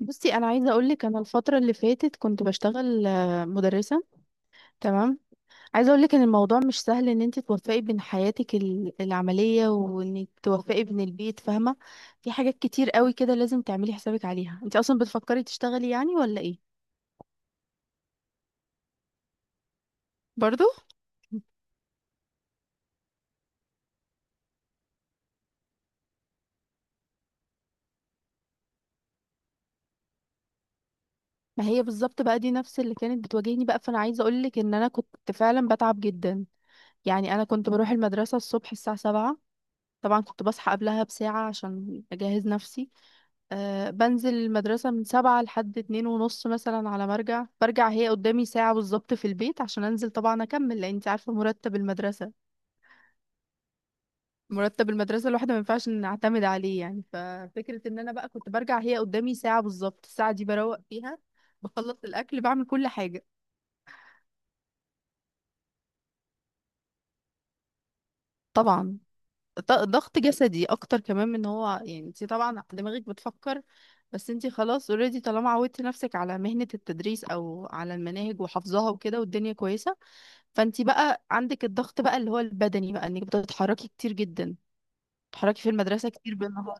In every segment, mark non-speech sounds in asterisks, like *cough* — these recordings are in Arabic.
بصي، انا عايزه اقول لك انا الفتره اللي فاتت كنت بشتغل مدرسه. تمام. عايزه اقول لك ان الموضوع مش سهل ان انت توفقي بين حياتك العمليه، وانك توفقي بين البيت، فاهمه؟ في حاجات كتير قوي كده لازم تعملي حسابك عليها. انت اصلا بتفكري تشتغلي يعني ولا ايه؟ برضو. ما هي بالظبط بقى دي نفس اللي كانت بتواجهني بقى، فانا عايزه اقول لك ان انا كنت فعلا بتعب جدا. يعني انا كنت بروح المدرسه الصبح الساعه 7. طبعا كنت بصحى قبلها بساعه عشان اجهز نفسي. بنزل المدرسة من 7 لحد 2:30 مثلا. على ما ارجع برجع هي قدامي ساعة بالظبط في البيت عشان انزل طبعا اكمل، لان انت عارفة مرتب المدرسة. مرتب المدرسة الواحدة ما ينفعش نعتمد عليه يعني. ففكرة ان انا بقى كنت برجع هي قدامي ساعة بالظبط، الساعة دي بروق فيها. بخلص الاكل بعمل كل حاجة. طبعا. ضغط جسدي اكتر كمان من هو يعني، انت طبعا دماغك بتفكر. بس انت خلاص اوريدي طالما عودتي نفسك على مهنة التدريس او على المناهج وحفظها وكده، والدنيا كويسة. فانت بقى عندك الضغط بقى اللي هو البدني بقى انك بتتحركي كتير جدا. بتتحركي في المدرسة كتير بالنهار.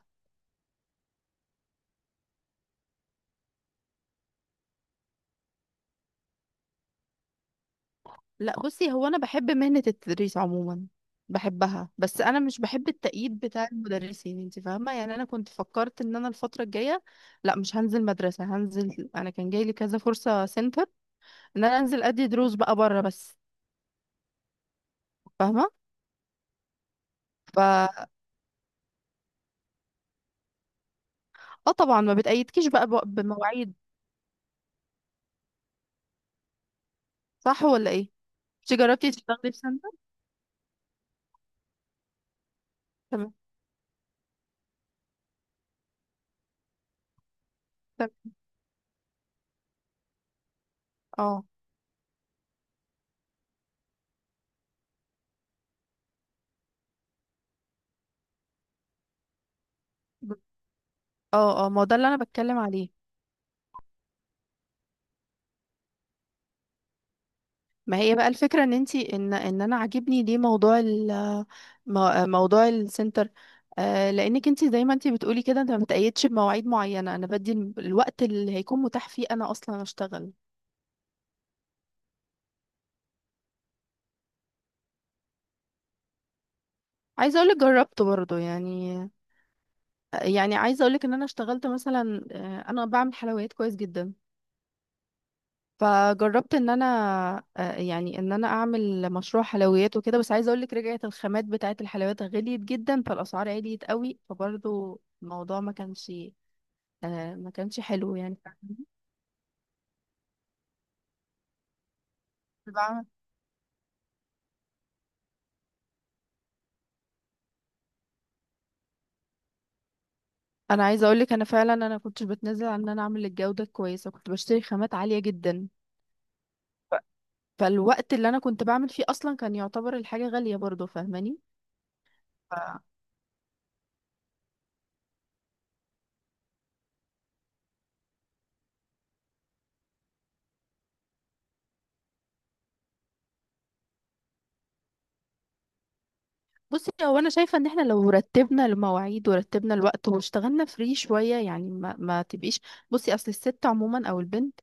لا بصي، هو انا بحب مهنة التدريس عموما. بحبها، بس انا مش بحب التأييد بتاع المدرسين، انت فاهمة؟ يعني انا كنت فكرت ان انا الفترة الجاية، لا مش هنزل مدرسة، هنزل. انا كان جاي لي كذا فرصة سنتر، ان انا انزل ادي دروس بقى بره بس. فاهمة؟ ف اه طبعا ما بتأيدكيش بقى، بمواعيد. صح ولا ايه؟ انت جربتي تشتغلي في سنتر؟ تمام. تمام. اه، اه، اه، ما هو ده اللي انا بتكلم عليه. ما هي بقى الفكره ان انتي ان ان انا عاجبني ليه موضوع موضوع السنتر. لانك انتي زي ما انتي بتقولي كده، انت ما بتقيدش بمواعيد معينه. انا بدي الوقت اللي هيكون متاح فيه انا اصلا اشتغل. عايزه اقولك جربت برضو يعني. يعني عايزه اقولك ان انا اشتغلت مثلا، انا بعمل حلويات كويس جدا. فجربت ان انا يعني ان انا اعمل مشروع حلويات وكده. بس عايزه اقول لك رجعت الخامات بتاعه الحلويات غليت جدا، فالاسعار عاليت قوي، فبرضه الموضوع ما كانش، ما كانش حلو يعني، فاهماني؟ بعمل- انا عايزه اقول لك انا فعلا انا كنتش بتنازل عن ان انا اعمل الجوده كويسه، كنت بشتري خامات عاليه جدا. ف- فالوقت اللي انا كنت بعمل فيه اصلا كان يعتبر الحاجه غاليه برضه، فاهماني؟ بصي هو انا شايفه ان احنا لو رتبنا المواعيد ورتبنا الوقت واشتغلنا فري شويه يعني، ما تبقيش. بصي اصل الست عموما او البنت،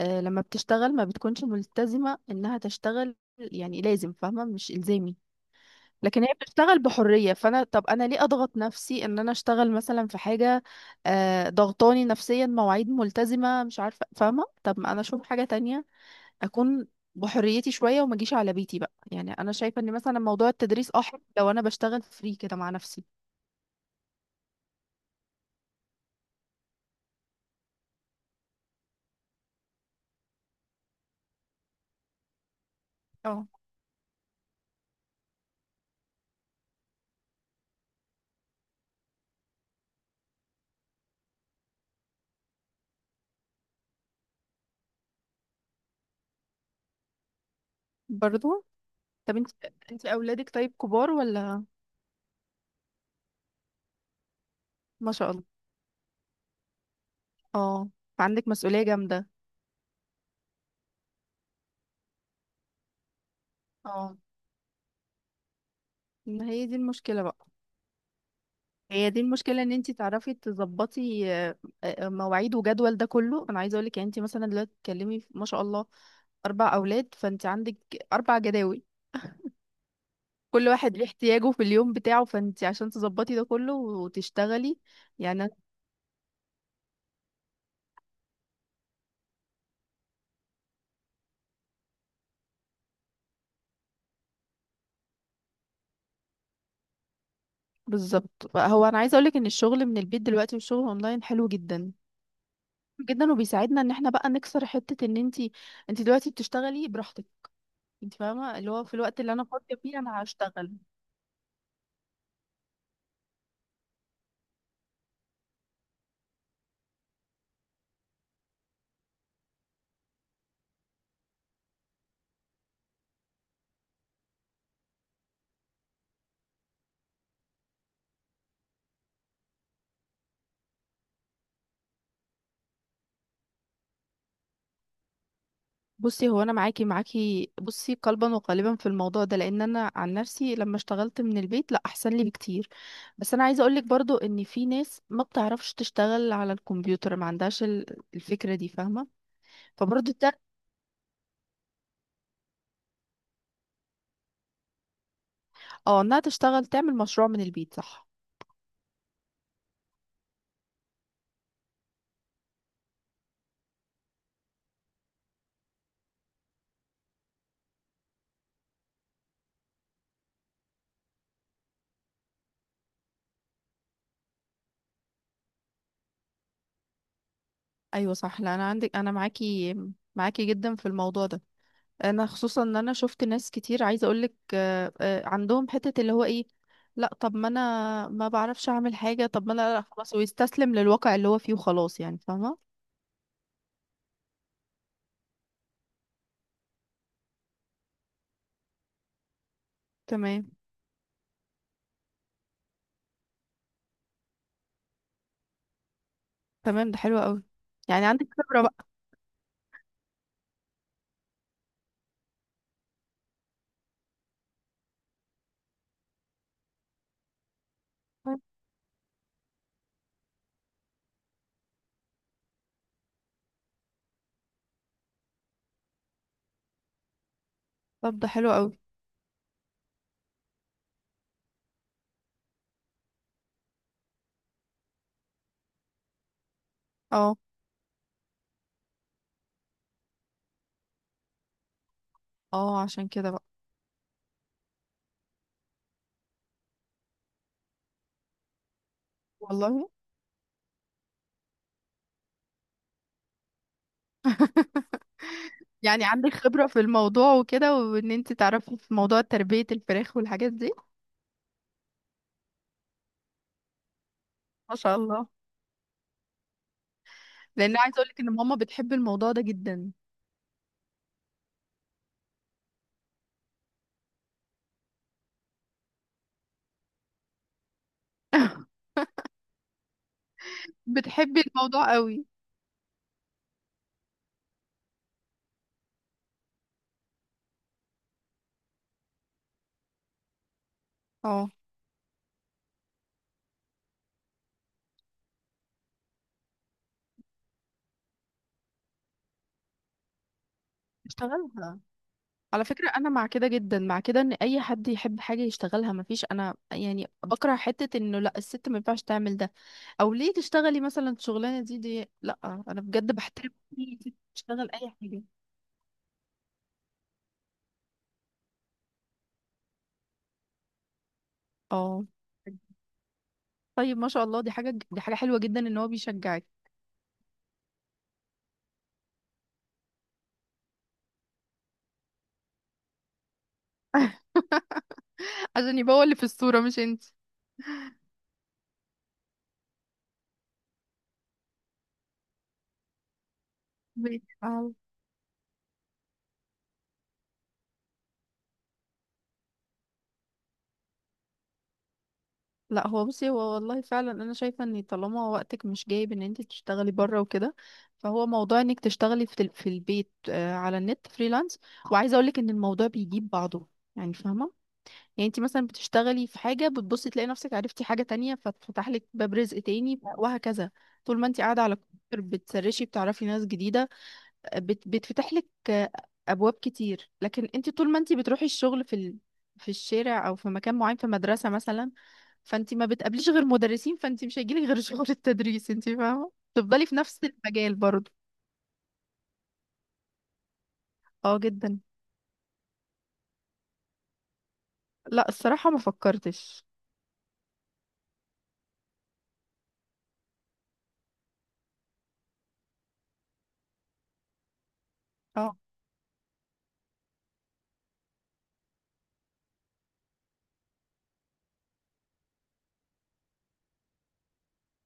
لما بتشتغل ما بتكونش ملتزمه انها تشتغل يعني لازم، فاهمه؟ مش الزامي. لكن هي بتشتغل بحريه، فانا طب انا ليه اضغط نفسي ان انا اشتغل مثلا في حاجه، ضغطاني نفسيا، مواعيد ملتزمه، مش عارفه، فاهمه؟ طب ما انا اشوف حاجه تانية، اكون بحريتي شويه، وما اجيش على بيتي بقى. يعني انا شايفه ان مثلا موضوع التدريس حلو لو انا بشتغل فري كده مع نفسي. اه، برضو. طب انت اولادك طيب كبار ولا؟ ما شاء الله. اه، فعندك مسؤوليه جامده. اه، ما هي دي المشكله بقى. هي دي المشكله ان انت تعرفي تظبطي مواعيد وجدول ده كله. انا عايزه اقول لك يعني انت مثلا دلوقتي بتتكلمي ما شاء الله، اربع اولاد، فانت عندك اربع جداول. كل واحد ليه احتياجه في اليوم بتاعه، فانت عشان تظبطي ده كله وتشتغلي، يعني بالظبط. هو انا عايزه اقولك ان الشغل من البيت دلوقتي والشغل اونلاين حلو جدا جدا، وبيساعدنا ان احنا بقى نكسر حته ان انت دلوقتي بتشتغلي براحتك. انت فاهمه؟ اللي هو في الوقت اللي انا فاضيه فيه انا هشتغل. بصي هو انا معاكي معاكي بصي، قلبا وقالبا في الموضوع ده. لان انا عن نفسي لما اشتغلت من البيت، لا احسن لي بكتير. بس انا عايزه اقولك برضو ان في ناس ما بتعرفش تشتغل على الكمبيوتر، ما عندهاش الفكره دي، فاهمه؟ فبرضو اه، انها تشتغل تعمل مشروع من البيت، صح؟ ايوه، صح. لا انا عندك، انا معاكي معاكي جدا في الموضوع ده. انا خصوصا ان انا شفت ناس كتير، عايزه اقولك عندهم حته اللي هو ايه، لا طب ما انا ما بعرفش اعمل حاجه، طب ما انا لا خلاص، ويستسلم للواقع اللي هو فيه وخلاص، يعني فاهمه. تمام. تمام، ده حلو قوي. يعني عندك خبره بقى. طب ده حلو قوي. اه، اه، عشان كده بقى. والله. يعني عندك خبره في الموضوع وكده، وان انت تعرفي في موضوع تربيه الفراخ والحاجات دي. ما شاء الله. لان عايزه اقولك ان ماما بتحب الموضوع ده جدا. بتحب الموضوع قوي. اه، اشتغلها. على فكرة، أنا مع كده جدا، مع كده إن أي حد يحب حاجة يشتغلها. مفيش، أنا يعني بكره حتة إنه لأ الست ما ينفعش تعمل ده، أو ليه تشتغلي مثلا الشغلانة دي، لأ. أنا بجد بحترم أي ست تشتغل أي حاجة. اه. طيب ما شاء الله، دي حاجة حلوة جدا إن هو بيشجعك. *laughs* عشان يبقى هو اللي في الصورة مش أنت. ماشي. لا هو بصي، هو والله فعلا انا شايفه ان طالما وقتك مش جايب ان انت تشتغلي بره وكده، فهو موضوع انك تشتغلي في البيت، على النت فريلانس. وعايزه اقولك ان الموضوع بيجيب بعضه، يعني فاهمه؟ يعني انت مثلا بتشتغلي في حاجه بتبصي تلاقي نفسك عرفتي حاجه تانية، فتفتح لك باب رزق تاني وهكذا. طول ما انت قاعده على الكمبيوتر بتسرشي، بتعرفي ناس جديده، بتفتح لك ابواب كتير. لكن انت طول ما انت بتروحي الشغل في الشارع او في مكان معين في مدرسة مثلا، فانت ما بتقابليش غير مدرسين، فانت مش هيجيلك غير *laughs* شغل التدريس. انت فاهمة؟ تفضلي في نفس المجال برضه. اه، جدا. لا، الصراحة ما فكرتش. اه.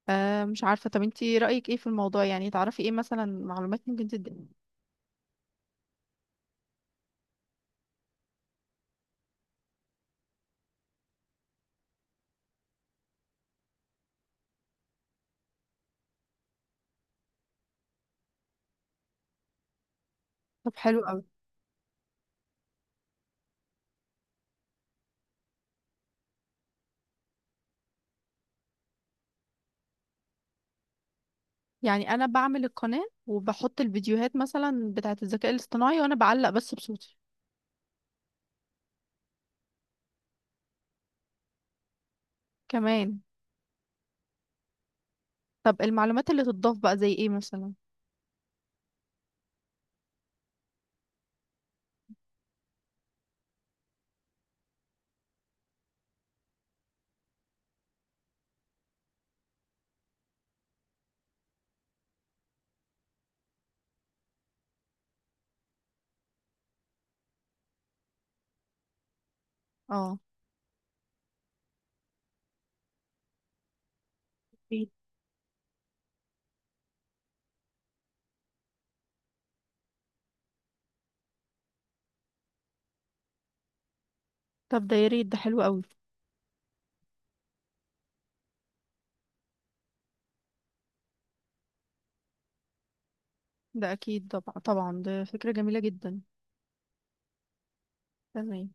مش عارفة. طب انت رأيك ايه في الموضوع؟ يعني تعرفي ايه مثلا، معلومات ممكن تدي. طب حلو قوي. يعني انا بعمل القناة وبحط الفيديوهات مثلا بتاعة الذكاء الاصطناعي، وانا بعلق بس بصوتي؟ كمان. طب المعلومات اللي تضاف بقى زي ايه مثلا؟ اه. طب ده يا ريت، ده حلو قوي. ده اكيد، طبعا، طبعا، ده فكرة جميلة جدا. تمام.